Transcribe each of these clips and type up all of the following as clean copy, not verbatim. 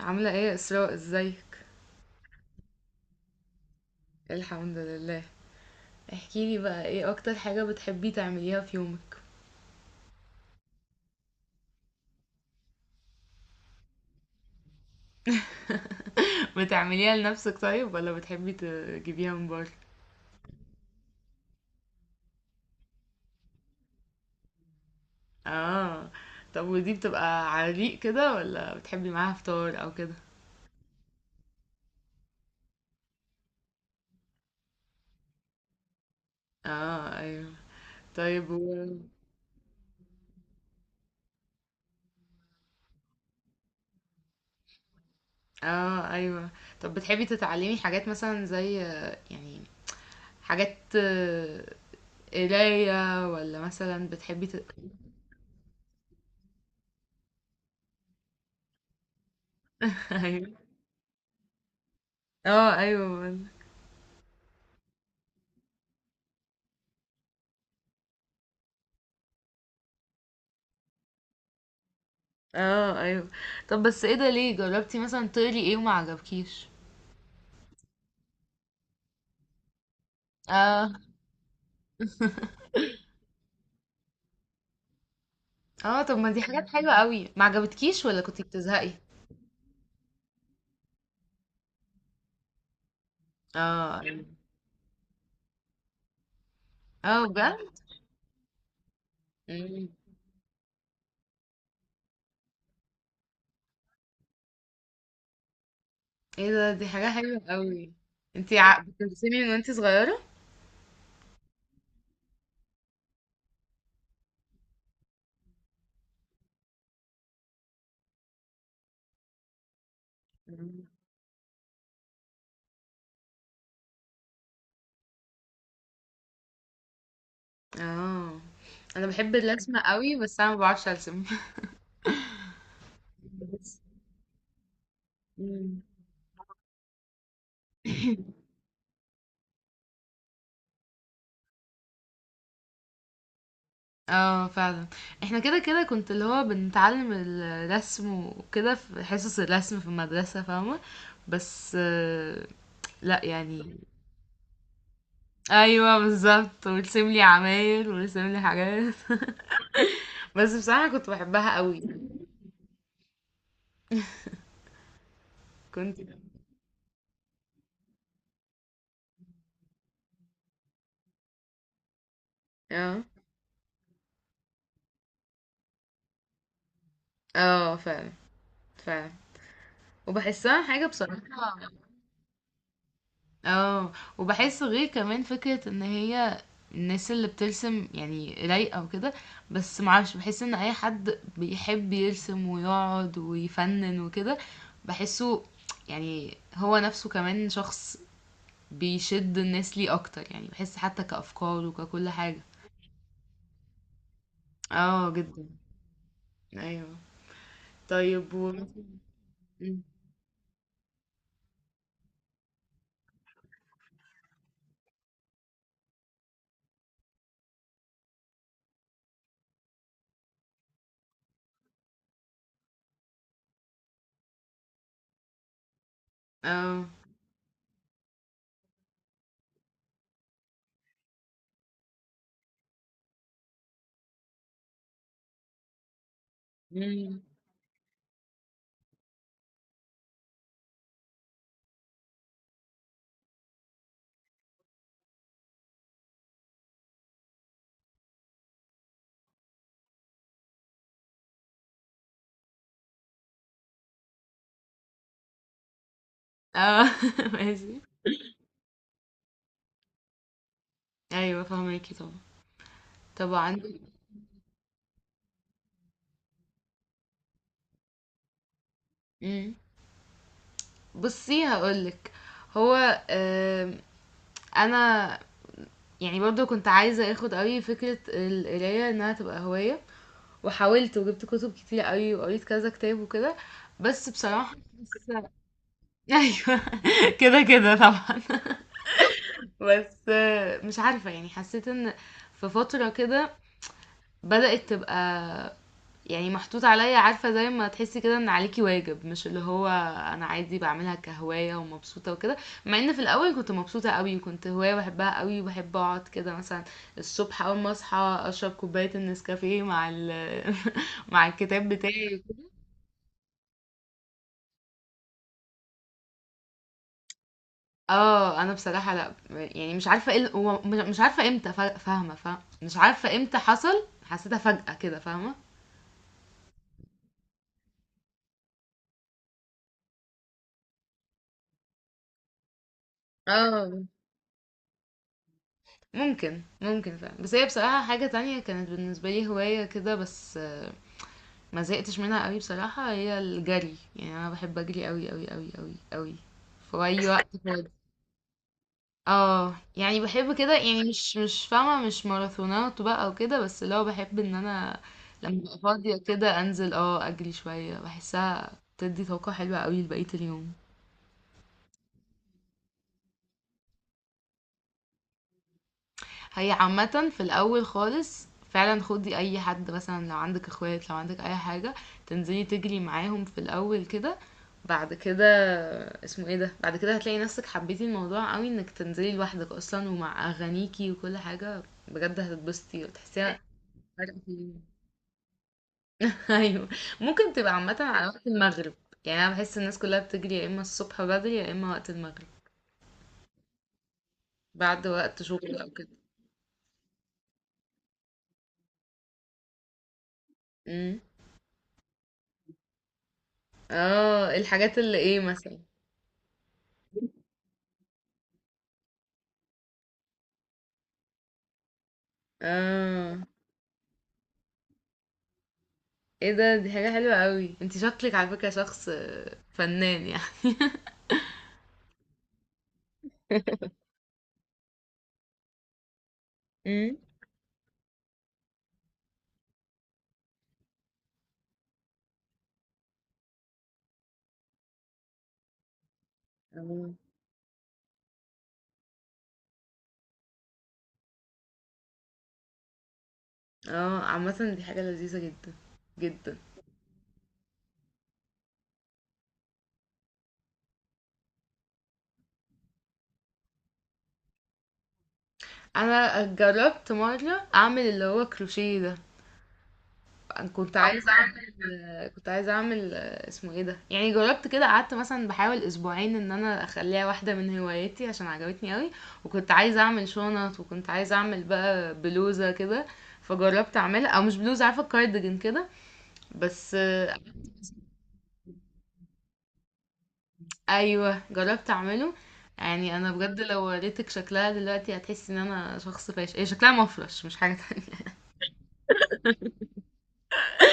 عاملة ايه يا اسراء؟ ازيك؟ الحمد لله. احكيلي بقى، ايه اكتر حاجة بتحبي تعمليها في يومك؟ بتعمليها لنفسك طيب ولا بتحبي تجيبيها من بره؟ اه. طب ودي بتبقى على ريق كده ولا بتحبي معاها فطار او كده؟ اه، ايوه. طيب و... اه، ايوه. طب بتحبي تتعلمي حاجات مثلا زي يعني، حاجات قراية، ولا مثلا بتحبي ايوه. اه، ايوه. اه، ايوه. طب بس ايه ده، ليه جربتي مثلا تقري ايه وما عجبكيش؟ اه. اه، طب ما دي حاجات حلوة قوي، ما عجبتكيش ولا كنتي بتزهقي؟ اه، ايوه. اه، بجد؟ مم. ايه ده، دي حاجة حلوة قوي. انتي بترسمي من وانتي صغيرة؟ مم. اه، انا بحب الرسمة قوي بس انا ما بعرفش ارسم. بس. مم. اه، فعلا. احنا كده كده كنت اللي هو بنتعلم الرسم، وكده في حصص الرسم في المدرسة، فاهمة؟ بس لا يعني. ايوه، بالظبط، ويرسم لي عماير ويرسم لي حاجات. بس بصراحة كنت بحبها قوي. كنت. اه. اه، فعلا. فعلا. وبحسها حاجة، بصراحة. اه. وبحس غير كمان فكرة ان هي الناس اللي بترسم يعني رايقة وكده. بس معرفش، بحس ان اي حد بيحب يرسم ويقعد ويفنن وكده، بحسه يعني هو نفسه كمان شخص بيشد الناس ليه اكتر. يعني بحس حتى كأفكار وككل حاجة. اه، جدا. ايوه. طيب، ومثلا... مم. اه. مم. اه. ماشي. ايوه، فهماكي طبعا. طب عندك... بُصّي هاقول لِك، هو، آمم أنا يعني برضه كنت عايزة آخُد أوي فكرة القراية إنها تبقى هواية، وحاولت وجِبت كُتب كتيرة أوي وقريت كذا كتاب وكده، بس بصراحة حاسّة... أيوه، كده، كده طبعًا. بس مش عارفة يعني، حسّيت إن في فترة كده بدأت تبقى يعني محطوط عليا، عارفة؟ زي ما تحسي كده ان عليكي واجب، مش اللي هو انا عادي بعملها كهواية ومبسوطة وكده. مع ان في الاول كنت مبسوطة قوي، وكنت هواية بحبها قوي، وبحب اقعد كده مثلا الصبح اول ما اصحى اشرب كوباية النسكافيه مع ال... مع الكتاب بتاعي وكده. اه، انا بصراحة لا يعني مش عارفة ايه هو مش عارفة امتى، فاهمة، فاهمة، مش عارفة امتى حصل، حسيتها فجأة كده، فاهمة؟ اه، ممكن، ممكن فعلا. بس هي بصراحة حاجة تانية كانت بالنسبة لي هواية كده، بس ما زهقتش منها قوي بصراحة، هي الجري. يعني انا بحب اجري قوي قوي قوي قوي قوي في اي وقت فاضي. اه، يعني بحب كده، يعني مش فاهمة، مش ماراثونات بقى وكده، بس اللي هو بحب ان انا لما ببقى فاضية كده انزل اجري شوية. بحسها بتدي طاقة حلوة قوي لبقية اليوم. هي عامة في الأول خالص، فعلا خدي أي حد مثلا، لو عندك اخوات، لو عندك أي حاجة، تنزلي تجري معاهم في الأول كده. بعد كده اسمه ايه ده، بعد كده هتلاقي نفسك حبيتي الموضوع قوي، انك تنزلي لوحدك اصلا ومع اغانيكي وكل حاجة. بجد هتتبسطي وتحسيها فرق في اليوم. ايوه، ممكن تبقى عامة على وقت المغرب. يعني انا بحس الناس كلها بتجري يا اما الصبح بدري يا اما وقت المغرب، بعد وقت شغل او كده. امم. اه، الحاجات اللي ايه مثلا؟ اه، ايه ده، دي حاجة حلوة قوي. انت شكلك على فكرة شخص فنان يعني. امم. اه، عامة دي حاجة لذيذة جدا، جدا. انا جربت مرة اعمل اللي هو كروشيه ده. أنا كنت عايزة اعمل اسمه ايه ده، يعني جربت كده، قعدت مثلا بحاول اسبوعين ان انا اخليها واحدة من هواياتي عشان عجبتني قوي. وكنت عايزة اعمل شنط، وكنت عايزة اعمل بقى بلوزة كده، فجربت اعملها، او مش بلوزة، عارفة، كارديجان كده. بس. ايوه، جربت اعمله. يعني انا بجد لو وريتك شكلها دلوقتي هتحسي ان انا شخص فاشل، هي شكلها مفرش مش حاجه تانية.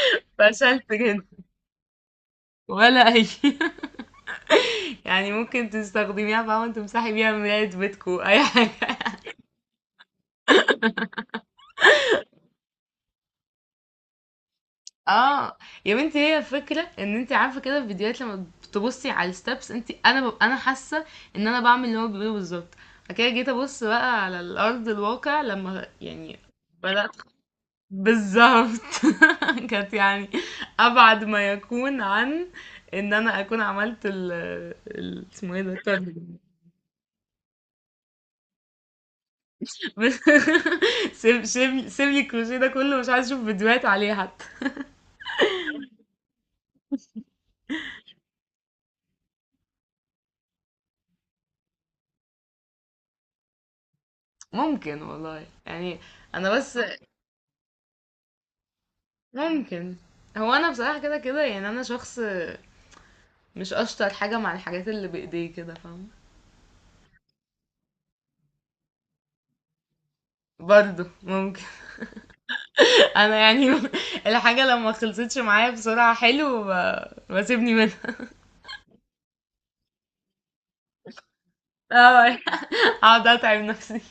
فشلت جدا. ولا اي. يعني ممكن تستخدميها بقى وانت تمسحي بيها مراية بيتكو اي حاجه. اه. يا بنتي، هي الفكره ان انت عارفه كده، في فيديوهات لما بتبصي على الستبس، انا ببقى انا حاسه ان انا بعمل اللي هو بيقوله بالظبط. بعد كده جيت ابص بقى على الارض الواقع لما يعني بدات، بالضبط. كانت يعني أبعد ما يكون عن إن أنا أكون عملت ال اسمه إيه ده؟ التارجت. سيب سيب سيب لي الكروشيه ده كله، مش عايز أشوف فيديوهات عليه حتى. ممكن، والله يعني. أنا بس... ممكن. هو أنا بصراحة كده كده يعني أنا شخص مش أشطر حاجة مع الحاجات اللي بإيديه كده، فاهم؟ برضه ممكن. أنا يعني الحاجة لما خلصتش معايا بسرعة حلو، بسيبني منها. اه، اقعد اتعب نفسي.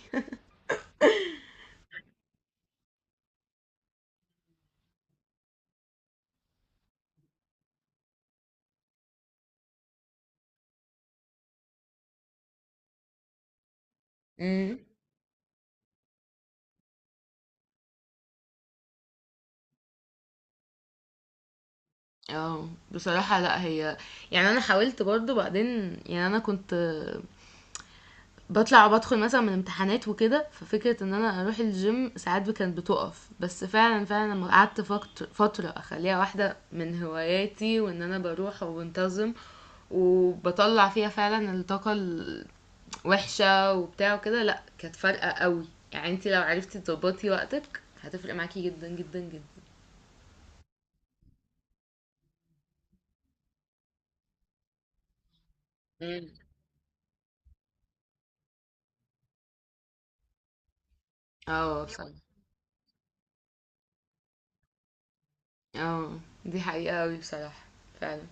امم. اه بصراحة، لا هي يعني انا حاولت برضو بعدين، يعني انا كنت بطلع وبدخل مثلا من امتحانات وكده، ففكرة ان انا اروح الجيم ساعات كانت بتقف. بس فعلا، فعلا لما قعدت فترة اخليها واحدة من هواياتي، وان انا بروح وبنتظم وبطلع فيها فعلا الطاقة الوحشة وبتاع وكده، لا كانت فارقة قوي. يعني انتي لو عرفتي تظبطي وقتك هتفرق معاكي جدا جدا جدا. امم. اه، صح. آه، دي حقيقة أوي بصراحة. فعلًا.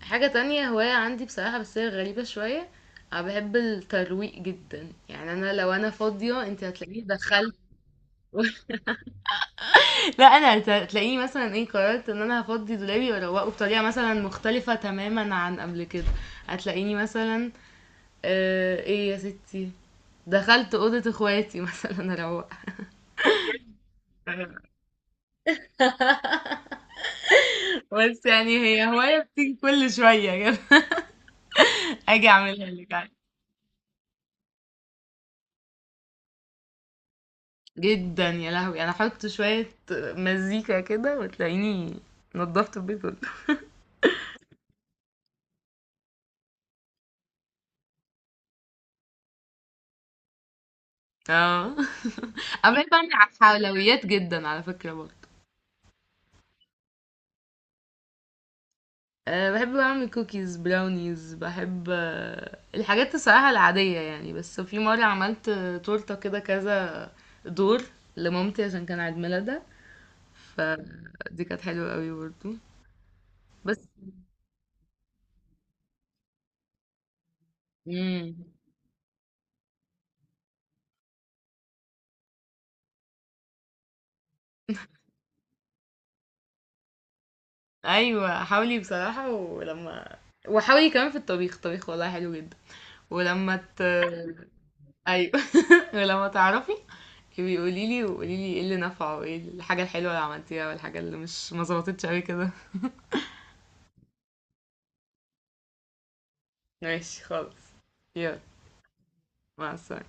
حاجة تانية هواية عندي بصراحة، بس هي غريبة شوية، أنا باحب الترويق جدًا، يعني أنا لو أنا فاضية أنتِ هتلاقيني دخلت. لأ أنا هتلاقيني مثلًا إيه، قررت إن أنا هافضي دولابي وأروّقه بطريقة مثلًا مختلفة تمامًا عن قبل كده، هتلاقيني مثلًا إيه يا ستي، دخلت أوضة اخواتي مثلًا أروّقها. بس يعني هي هواية بتيجي كل شوية كده، آجي أعملها لِك. جدًا يا لهوي! أنا أحط شوية مزيكا كده وتلاقيني نضّفت البيت كله. آه. أنا باحب أعمل حلويات جدًا على فكرة برضه. باحب أعمل كوكيز، براونيز، باحب الحاجات الصراحة العادية يعني، بس في مرة عملت تورتة كده كذا دور لمامتي عشان كان عيد ميلادها، فدي كانت حلوة أوي برضه. بس. إمم. ايوه، حاولي بصراحة. ولما... وحاولي كمان في الطبيخ، الطبيخ والله حلو جدا. ولما ت... ايوه. ولما تعرفي بيقولي لي، وقولي لي ايه اللي نفعه وايه الحاجة الحلوة اللي عملتيها والحاجة اللي مش ما ظبطتش قوي كده. ماشي خالص. يلا، مع السلامة.